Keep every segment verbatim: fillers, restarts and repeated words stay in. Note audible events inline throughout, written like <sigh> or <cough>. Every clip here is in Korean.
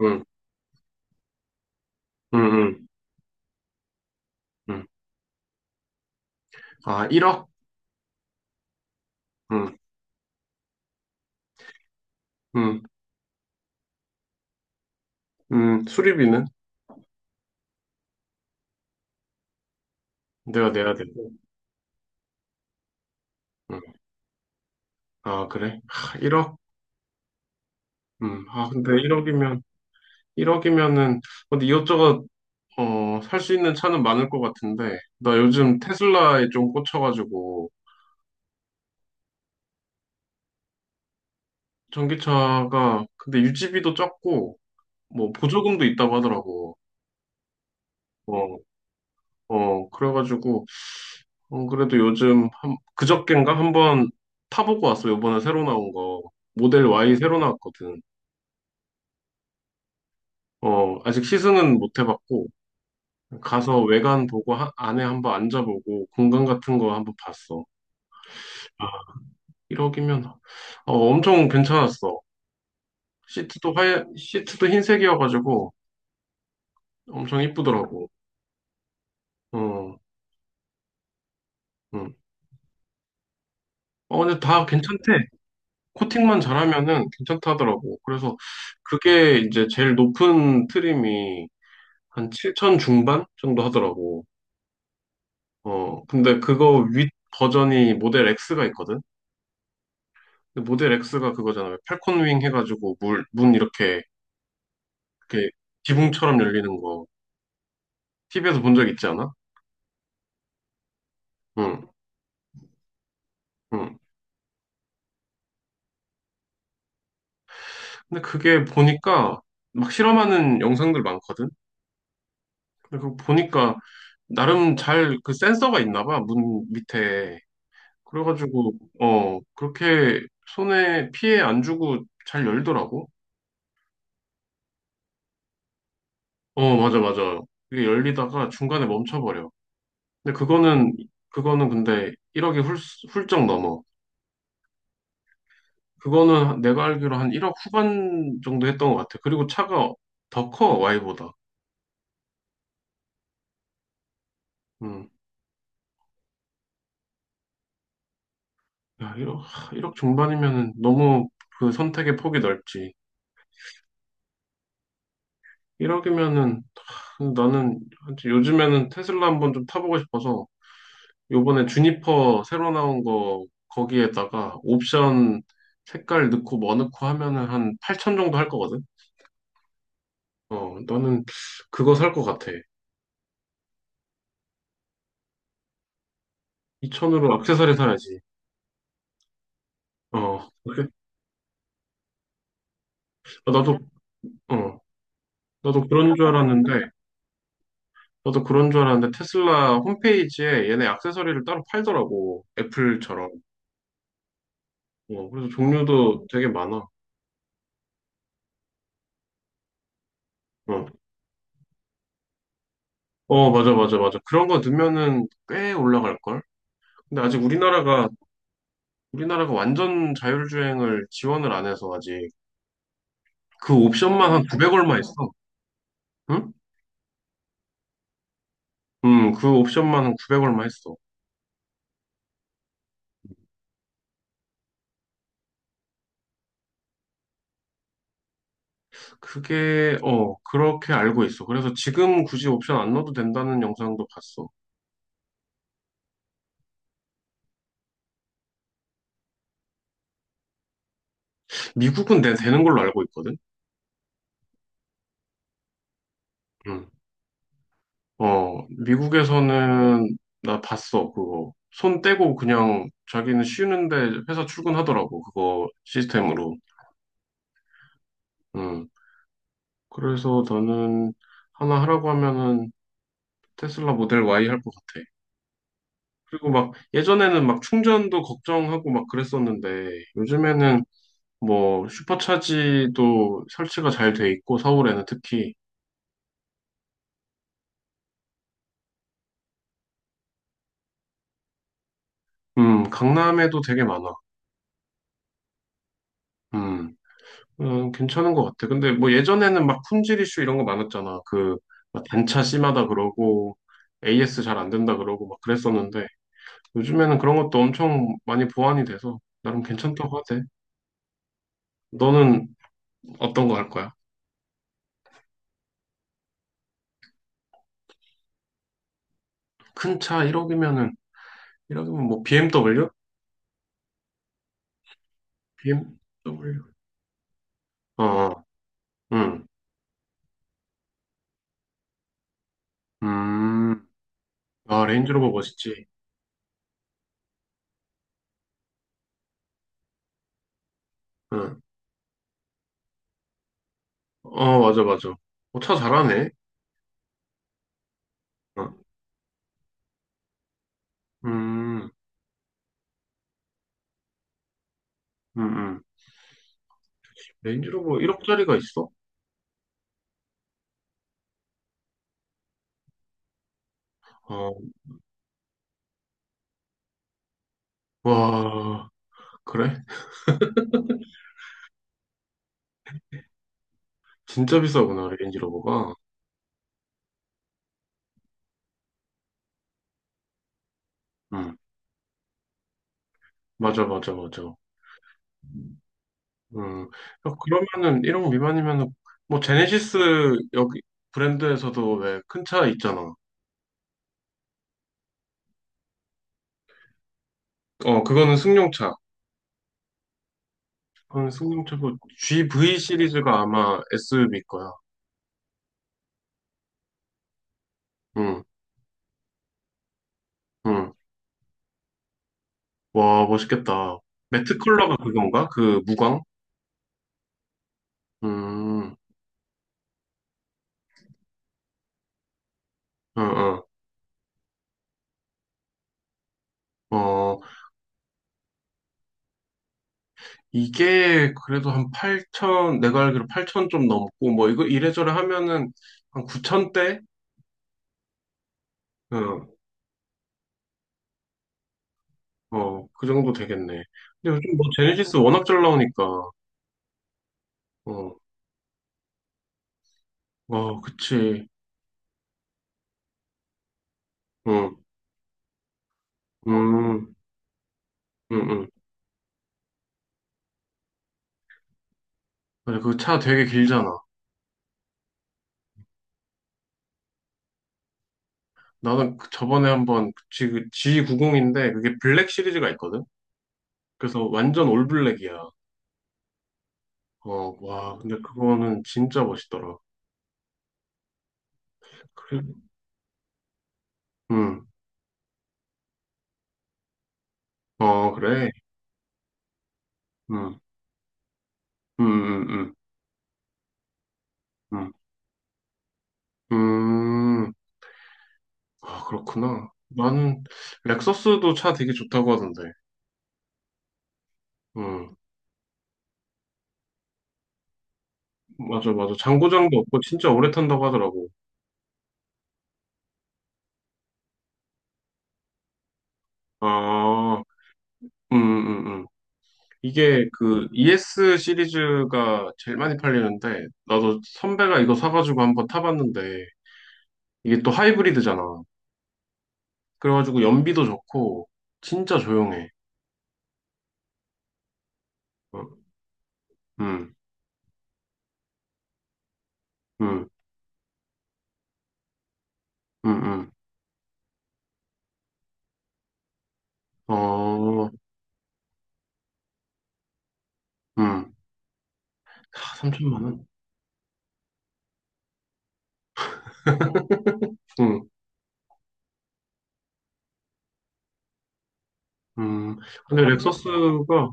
응, 응, 응, 응. 아, 일억? 응, 응, 응. 수리비는 내가 내야 되고. 응. 아, 그래? 하, 일억? 응. 아, 근데 일억이면, 일억이면은, 근데 이것저것, 어, 살 수 있는 차는 많을 것 같은데, 나 요즘 테슬라에 좀 꽂혀가지고, 전기차가, 근데 유지비도 적고, 뭐, 보조금도 있다고 하더라고. 어, 어, 그래가지고, 음, 그래도 요즘 한, 그저껜가 한번 타보고 왔어. 요번에 새로 나온 거. 모델 Y 새로 나왔거든. 어, 아직 시승은 못 해봤고, 가서 외관 보고 하- 안에 한번 앉아보고, 공간 같은 거 한번 봤어. 아, 일억이면, 엄청 괜찮았어. 시트도 하 시트도 흰색이어가지고, 엄청 이쁘더라고. 어, 음. 어, 근데 다 괜찮대. 코팅만 잘하면은 괜찮다더라고. 그래서 그게 이제 제일 높은 트림이 한 칠천 중반 정도 하더라고. 어, 근데 그거 윗 버전이 모델 X가 있거든? 근데 모델 X가 그거잖아. 왜 팔콘윙 해가지고 물, 문 이렇게, 이렇게 지붕처럼 열리는 거. 티비에서 본 적 있지 않아? 응, 응. 근데 그게 보니까 막 실험하는 영상들 많거든? 근데 그거 보니까 나름 잘 그 센서가 있나 봐, 문 밑에. 그래가지고, 어, 그렇게 손에 피해 안 주고 잘 열더라고. 어, 맞아, 맞아. 그게 열리다가 중간에 멈춰버려. 근데 그거는, 그거는 근데 일억이 훌, 훌쩍 넘어. 그거는 한- 내가 알기로 한 일억 후반 정도 했던 것 같아. 그리고 차가 더 커, Y보다. 음. 야, 1억, 일억 중반이면은 너무 그 선택의 폭이 넓지. 일억이면은 나는 사실 요즘에는 테슬라 한번 좀 타보고 싶어서 요번에 주니퍼 새로 나온 거 거기에다가 옵션 색깔 넣고 뭐 넣고 하면은 한 팔천 정도 할 거거든. 어, 나는 그거 살 것 같아. 이천으로 액세서리 사야지. 어, 그래? 아, 나도, 어, 나도 그런 줄 알았는데, 나도 그런 줄 알았는데, 테슬라 홈페이지에 얘네 액세서리를 따로 팔더라고. 애플처럼. 어, 그래서 종류도 되게 많아. 어, 어, 맞아, 맞아, 맞아. 그런 거 넣으면은 꽤 올라갈걸? 근데 아직 우리나라가, 우리나라가 완전 자율주행을 지원을 안 해서 아직 그 옵션만 한 구백 얼마 있어. 응? 음, 그 옵션만 한 구백 얼마 했어. 그게, 어, 그렇게 알고 있어. 그래서 지금 굳이 옵션 안 넣어도 된다는 영상도 봤어. 미국은 내, 되는 걸로 알고 있거든? 응. 어, 미국에서는 나 봤어, 그거. 손 떼고 그냥 자기는 쉬는데 회사 출근하더라고, 그거 시스템으로. 응. 그래서 너는 하나 하라고 하면은 테슬라 모델 Y 할 것 같아. 그리고 막 예전에는 막 충전도 걱정하고 막 그랬었는데 요즘에는 뭐 슈퍼차지도 설치가 잘 돼 있고 서울에는 특히 음 강남에도 되게 많아. 음, 음, 괜찮은 것 같아. 근데 뭐 예전에는 막 품질 이슈 이런 거 많았잖아. 그막 단차 심하다 그러고 에이에스 잘 안 된다 그러고 막 그랬었는데 요즘에는 그런 것도 엄청 많이 보완이 돼서 나름 괜찮다고 하대. 너는 어떤 거 할 거야? 큰 차 일억이면은 일억이면 뭐 비엠더블유? 비엠더블유? 어, 어, 응. 음. 아, 레인지로버 멋있지. 응. 어, 맞아, 맞아. 어, 차 잘하네. 어, 음, 음, 음. 레인지로버 일억짜리가 있어? 어, 와, 그래? 진짜 비싸구나, 레인지로버가. 음, 맞아, 맞아, 맞아. 음, 어, 그러면은 일억 미만이면은, 뭐, 제네시스 여기 브랜드에서도 왜 큰 차 있잖아. 어, 그거는 승용차. 그건 승용차고, 지브이 시리즈가 아마 에스유브이 거야. 응 응 와, 멋있겠다. 매트 컬러가 그건가? 그 무광? 음, 응응 어, 이게 그래도 한 팔천, 내가 알기로 팔천 좀 넘고, 뭐, 이거 이래저래 하면은 한 구천 대? 어, 어, 그 정도 되겠네. 근데 요즘 뭐, 제네시스 워낙 잘 나오니까, 어, 어, 그치. 응, 음, 음, 음. 맞아, 그 차 되게 길잖아. 나는 그 저번에 한번, 그치, 그 지 구십인데, 그게 블랙 시리즈가 있거든? 그래서 완전 올블랙이야. 어, 와, 근데 그거는 진짜 멋있더라. 그래? 응, 어, 그래. 응, 응, 응, 응. 음, 음, 아, 그렇구나. 나는 렉서스도 차 되게 좋다고 하던데. 음, 맞아, 맞아. 장고장도 없고 진짜 오래 탄다고 하더라고. 아, 음, 음, 음. 이게 그 이에스 시리즈가 제일 많이 팔리는데, 나도 선배가 이거 사가지고 한번 타봤는데, 이게 또 하이브리드잖아. 그래가지고 연비도 좋고, 진짜 조용해. 어, 음, 음, 음, 음. 어, 음. 다 삼천만 원? 응, 음. 근데 렉서스가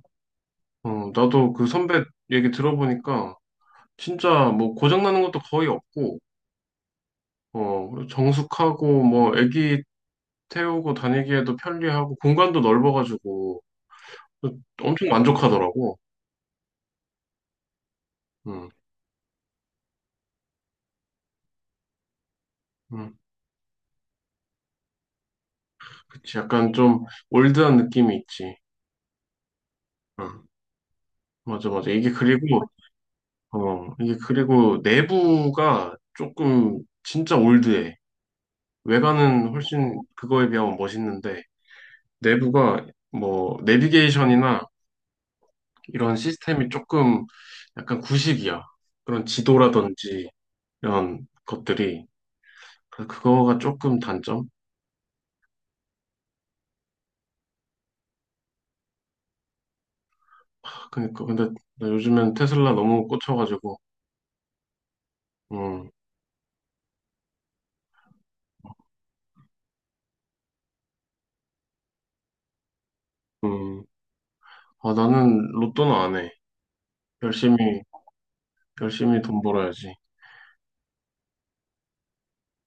어, 나도 그 선배 얘기 들어보니까 진짜 뭐 고장나는 것도 거의 없고, 어, 정숙하고 뭐 애기 태우고 다니기에도 편리하고 공간도 넓어가지고 엄청 만족하더라고. 응, 응. 그치. 약간 좀 올드한 느낌이 있지. 응, 맞아, 맞아. 이게 그리고, 어, 이게 그리고 내부가 조금 진짜 올드해. 외관은 훨씬 그거에 비하면 멋있는데, 내부가 뭐, 내비게이션이나 이런 시스템이 조금 약간 구식이야. 그런 지도라든지 이런 것들이. 그래서 그거가 조금 단점? 그러니까 근데 나 요즘엔 테슬라 너무 꽂혀가지고 음, 음. 아 나는 로또는 안 해. 열심히 열심히 돈 벌어야지.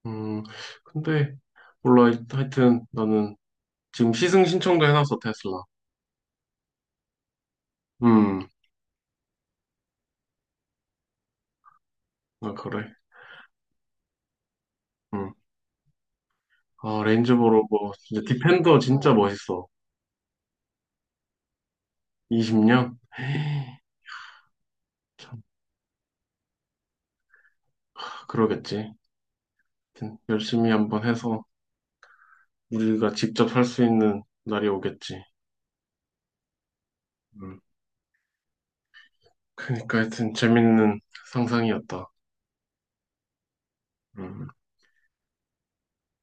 음, 근데 몰라 하여튼 나는 지금 시승 신청도 해놨어 테슬라. 음, 아 그래. 음. 아 레인지보로 뭐 진짜 디펜더 진짜 멋있어. 이십 년? <gasps> 참 아, 그러겠지. 하여튼 열심히 한번 해서 우리가 직접 할 수 있는 날이 오겠지. 음. 그러니까 하여튼 재밌는 상상이었다. 음,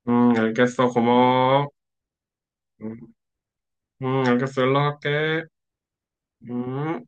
음, 알겠어. 고마워. 음, 음, 알겠어. 연락할게. 음.